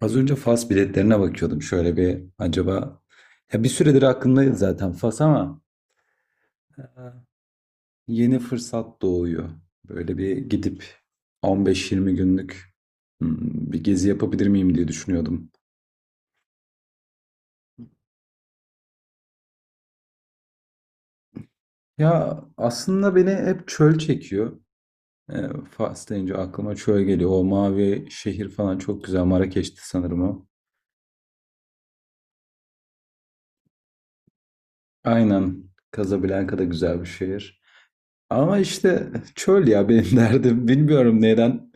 Az önce Fas biletlerine bakıyordum. Şöyle bir acaba ya bir süredir aklımdaydı zaten Fas ama e, yeni fırsat doğuyor. Böyle bir gidip 15-20 günlük bir gezi yapabilir miyim diye düşünüyordum. Ya aslında beni hep çöl çekiyor. E, Fas deyince aklıma çöl geliyor. O mavi şehir falan çok güzel. Marrakeş'ti sanırım o. Aynen. Casablanca da güzel bir şehir. Ama işte çöl ya benim derdim. Bilmiyorum neden.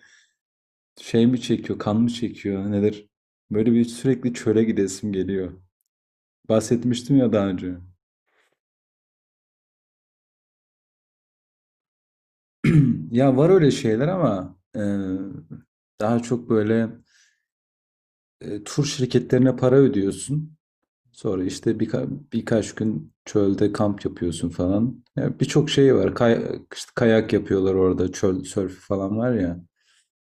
Şey mi çekiyor, kan mı çekiyor, nedir? Böyle bir sürekli çöle gidesim geliyor. Bahsetmiştim ya daha önce. Ya var öyle şeyler ama daha çok böyle tur şirketlerine para ödüyorsun. Sonra işte birkaç gün çölde kamp yapıyorsun falan. Ya birçok şey var. Kay- işte kayak yapıyorlar orada, çöl sörfü falan var ya.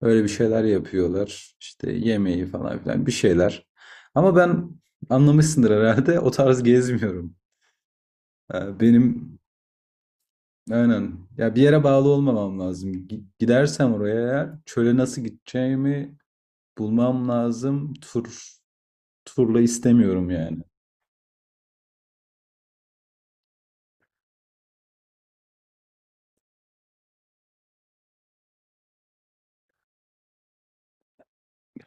Öyle bir şeyler yapıyorlar. İşte yemeği falan filan bir şeyler. Ama ben anlamışsındır herhalde o tarz gezmiyorum. Benim aynen ya bir yere bağlı olmamam lazım. Gidersem oraya eğer çöle nasıl gideceğimi bulmam lazım. Turla istemiyorum yani.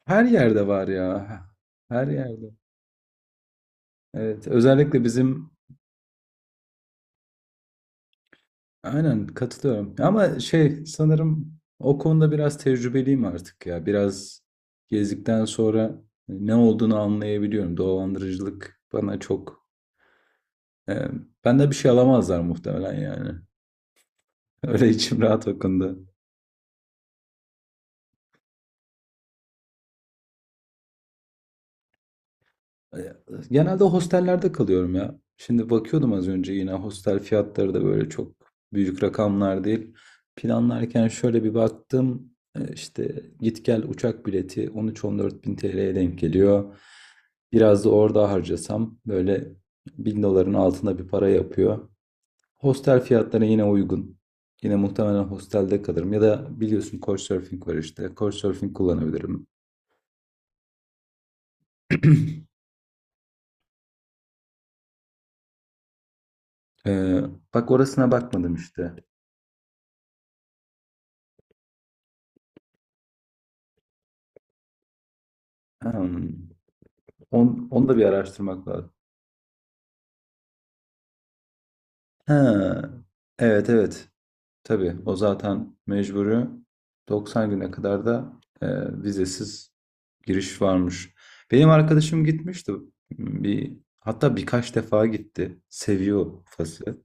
Her yerde var ya. Her yerde. Evet, özellikle bizim. Aynen katılıyorum. Ama şey sanırım o konuda biraz tecrübeliyim artık ya. Biraz gezdikten sonra hani, ne olduğunu anlayabiliyorum. Dolandırıcılık bana çok... E, benden bir şey alamazlar muhtemelen yani. Öyle içim rahat o konuda. E, Genelde hostellerde kalıyorum ya. Şimdi bakıyordum az önce yine hostel fiyatları da böyle çok büyük rakamlar değil. Planlarken şöyle bir baktım. İşte git gel uçak bileti 13-14 bin TL'ye denk geliyor. Biraz da orada harcasam böyle 1.000 doların altında bir para yapıyor. Hostel fiyatları yine uygun. Yine muhtemelen hostelde kalırım. Ya da biliyorsun Couchsurfing var işte. Couchsurfing kullanabilirim. Ee, bak orasına bakmadım işte. Hmm. Onu da bir araştırmak lazım. Ha. Evet evet. Tabii o zaten mecburi. 90 güne kadar da e, vizesiz giriş varmış. Benim arkadaşım gitmişti. Bir, hatta birkaç defa gitti. Seviyor Fas'ı.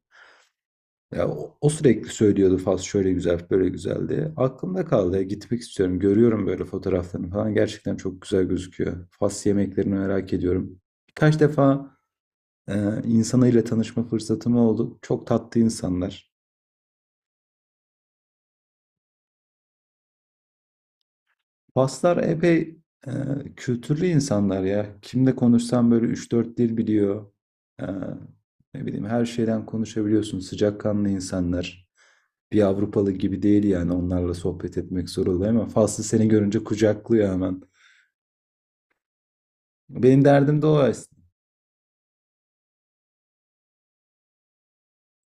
Ya, o sürekli söylüyordu Fas şöyle güzel böyle güzel diye. Aklımda kaldı. Ya, gitmek istiyorum. Görüyorum böyle fotoğraflarını falan. Gerçekten çok güzel gözüküyor. Fas yemeklerini merak ediyorum. Birkaç defa insanıyla tanışma fırsatım oldu. Çok tatlı insanlar. Faslar epey e, kültürlü insanlar ya. Kimle konuşsam böyle üç dört dil biliyor. Ee, ne bileyim her şeyden konuşabiliyorsun. Sıcakkanlı insanlar. Bir Avrupalı gibi değil yani onlarla sohbet etmek zor oluyor ama Faslı seni görünce kucaklıyor hemen. Benim derdim de o aslında.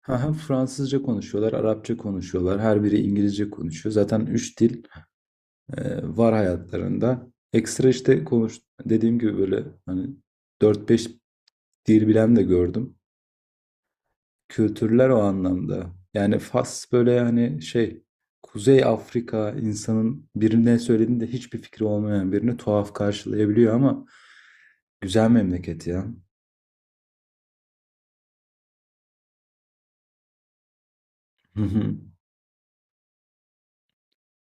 Ha, Fransızca konuşuyorlar, Arapça konuşuyorlar. Her biri İngilizce konuşuyor. Zaten üç dil var hayatlarında. Ekstra işte konuş dediğim gibi böyle hani dört beş dil bilen de gördüm. Kültürler o anlamda. Yani Fas böyle hani şey Kuzey Afrika insanın birine söylediğinde hiçbir fikri olmayan birini tuhaf karşılayabiliyor ama güzel memleket ya. Hı hı.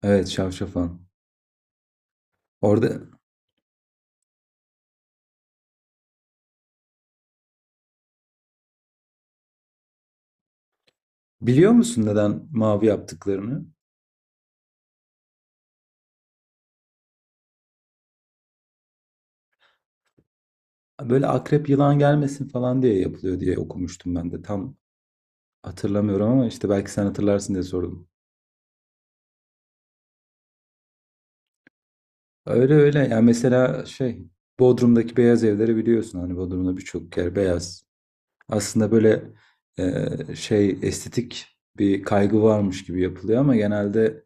Evet Şavşafan. Orada biliyor musun neden mavi yaptıklarını? Böyle akrep yılan gelmesin falan diye yapılıyor diye okumuştum ben de. Tam hatırlamıyorum ama işte belki sen hatırlarsın diye sordum. Öyle öyle. Yani mesela şey Bodrum'daki beyaz evleri biliyorsun. Hani Bodrum'da birçok yer beyaz. Aslında böyle şey estetik bir kaygı varmış gibi yapılıyor ama genelde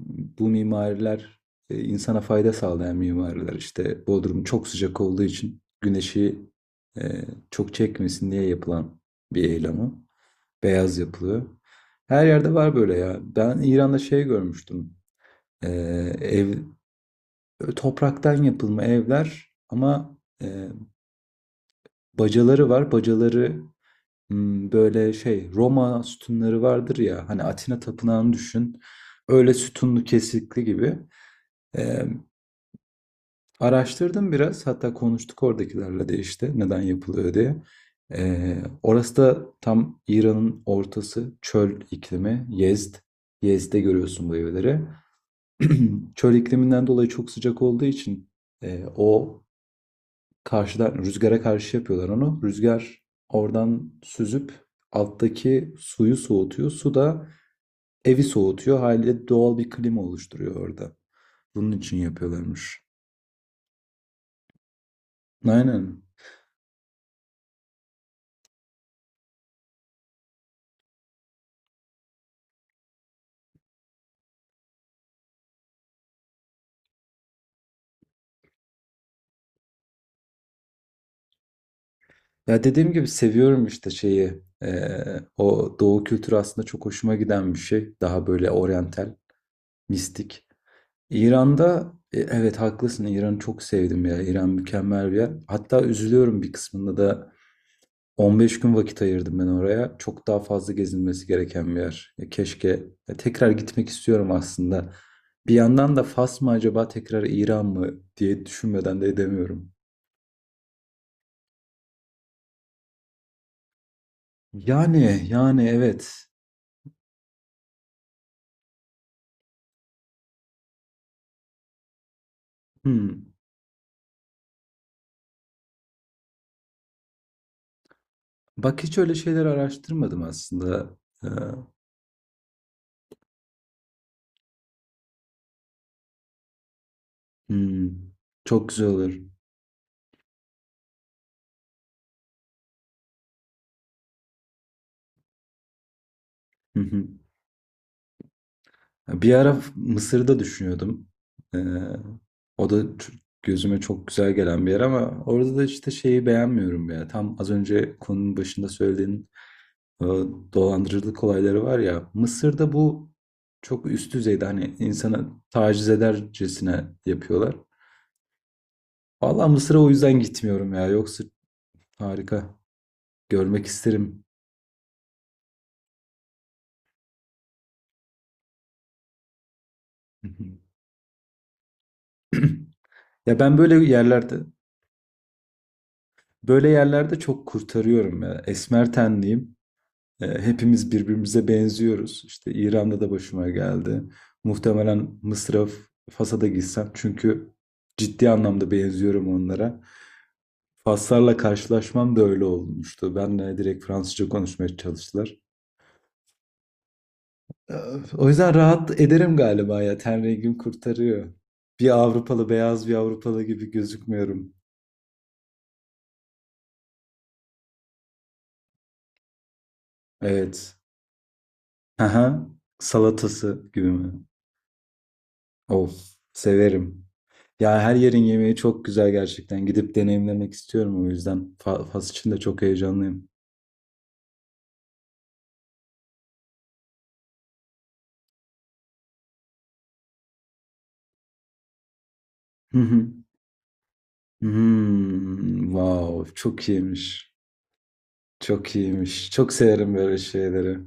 bu mimariler insana fayda sağlayan mimariler. İşte Bodrum çok sıcak olduğu için güneşi e, çok çekmesin diye yapılan bir eylemi. Beyaz yapılıyor. Her yerde var böyle ya. Ben İran'da şey görmüştüm. Ee, ev Topraktan yapılma evler ama e, bacaları var. Bacaları böyle şey Roma sütunları vardır ya hani Atina tapınağını düşün. Öyle sütunlu kesikli gibi. Ee, araştırdım biraz hatta konuştuk oradakilerle de işte neden yapılıyor diye. Orası da tam İran'ın ortası çöl iklimi Yezd. Yezd'de görüyorsun bu evleri. Çöl ikliminden dolayı çok sıcak olduğu için o karşıdan rüzgâra karşı yapıyorlar onu. Rüzgar oradan süzüp alttaki suyu soğutuyor. Su da evi soğutuyor. Haliyle doğal bir klima oluşturuyor orada. Bunun için yapıyorlarmış. Aynen. Ya dediğim gibi seviyorum işte şeyi. O doğu kültürü aslında çok hoşuma giden bir şey. Daha böyle oryantal, mistik. İran'da evet haklısın. İran'ı çok sevdim ya. İran mükemmel bir yer. Hatta üzülüyorum bir kısmında da 15 gün vakit ayırdım ben oraya. Çok daha fazla gezilmesi gereken bir yer. Ya keşke ya tekrar gitmek istiyorum aslında. Bir yandan da Fas mı acaba tekrar İran mı diye düşünmeden de edemiyorum. Yani evet. Hmm. Bak hiç öyle şeyler araştırmadım aslında. Ee, hmm. Çok güzel olur. Bir ara Mısır'da düşünüyordum. Ee, o da gözüme çok güzel gelen bir yer ama orada da işte şeyi beğenmiyorum ya. Tam az önce konunun başında söylediğin e, dolandırıcılık olayları var ya. Mısır'da bu çok üst düzeyde hani insana taciz edercesine yapıyorlar. Valla Mısır'a o yüzden gitmiyorum ya. Yoksa harika. Görmek isterim. Ya ben böyle yerlerde çok kurtarıyorum ya. Esmer tenliyim. Hepimiz birbirimize benziyoruz. İşte İran'da da başıma geldi. Muhtemelen Mısır'a, Fas'a da gitsem çünkü ciddi anlamda benziyorum onlara. Faslarla karşılaşmam da öyle olmuştu. Benle direkt Fransızca konuşmaya çalıştılar. E, O yüzden rahat ederim galiba ya. Ten rengim kurtarıyor. Bir Avrupalı, beyaz bir Avrupalı gibi gözükmüyorum. Evet. Aha. Salatası gibi mi? Of, severim. Ya her yerin yemeği çok güzel gerçekten. Gidip deneyimlemek istiyorum o yüzden. Fas için de çok heyecanlıyım. Hı hı. Wow, çok iyiymiş. Çok iyiymiş. Çok severim böyle şeyleri.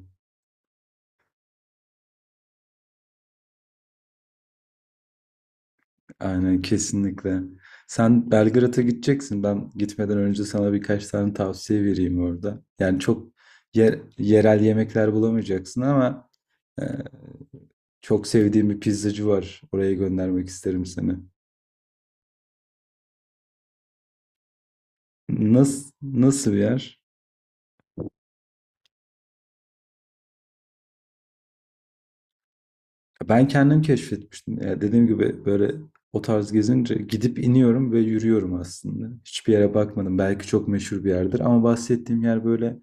Aynen kesinlikle. Sen Belgrad'a gideceksin. Ben gitmeden önce sana birkaç tane tavsiye vereyim orada. Yani çok yerel yemekler bulamayacaksın ama e, çok sevdiğim bir pizzacı var. Oraya göndermek isterim seni. Nasıl bir yer? Ben kendim keşfetmiştim. Ya dediğim gibi böyle o tarz gezince gidip iniyorum ve yürüyorum aslında. Hiçbir yere bakmadım. Belki çok meşhur bir yerdir ama bahsettiğim yer böyle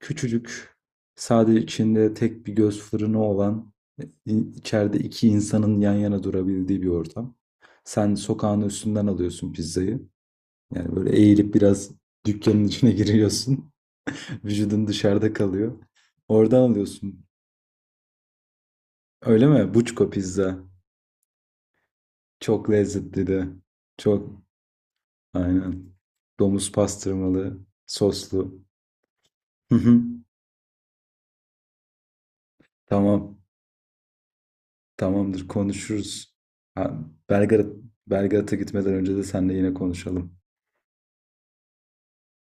küçücük, sadece içinde tek bir göz fırını olan, e, içeride iki insanın yan yana durabildiği bir ortam. Sen sokağın üstünden alıyorsun pizzayı. Yani böyle eğilip biraz dükkanın içine giriyorsun. Vücudun dışarıda kalıyor. Oradan alıyorsun. Öyle mi? Buçko pizza. Çok lezzetli de, çok aynen. Domuz pastırmalı, soslu. Hı hı. Tamam. Tamamdır konuşuruz. Ha, Belgrad Belgrad'a gitmeden önce de seninle yine konuşalım.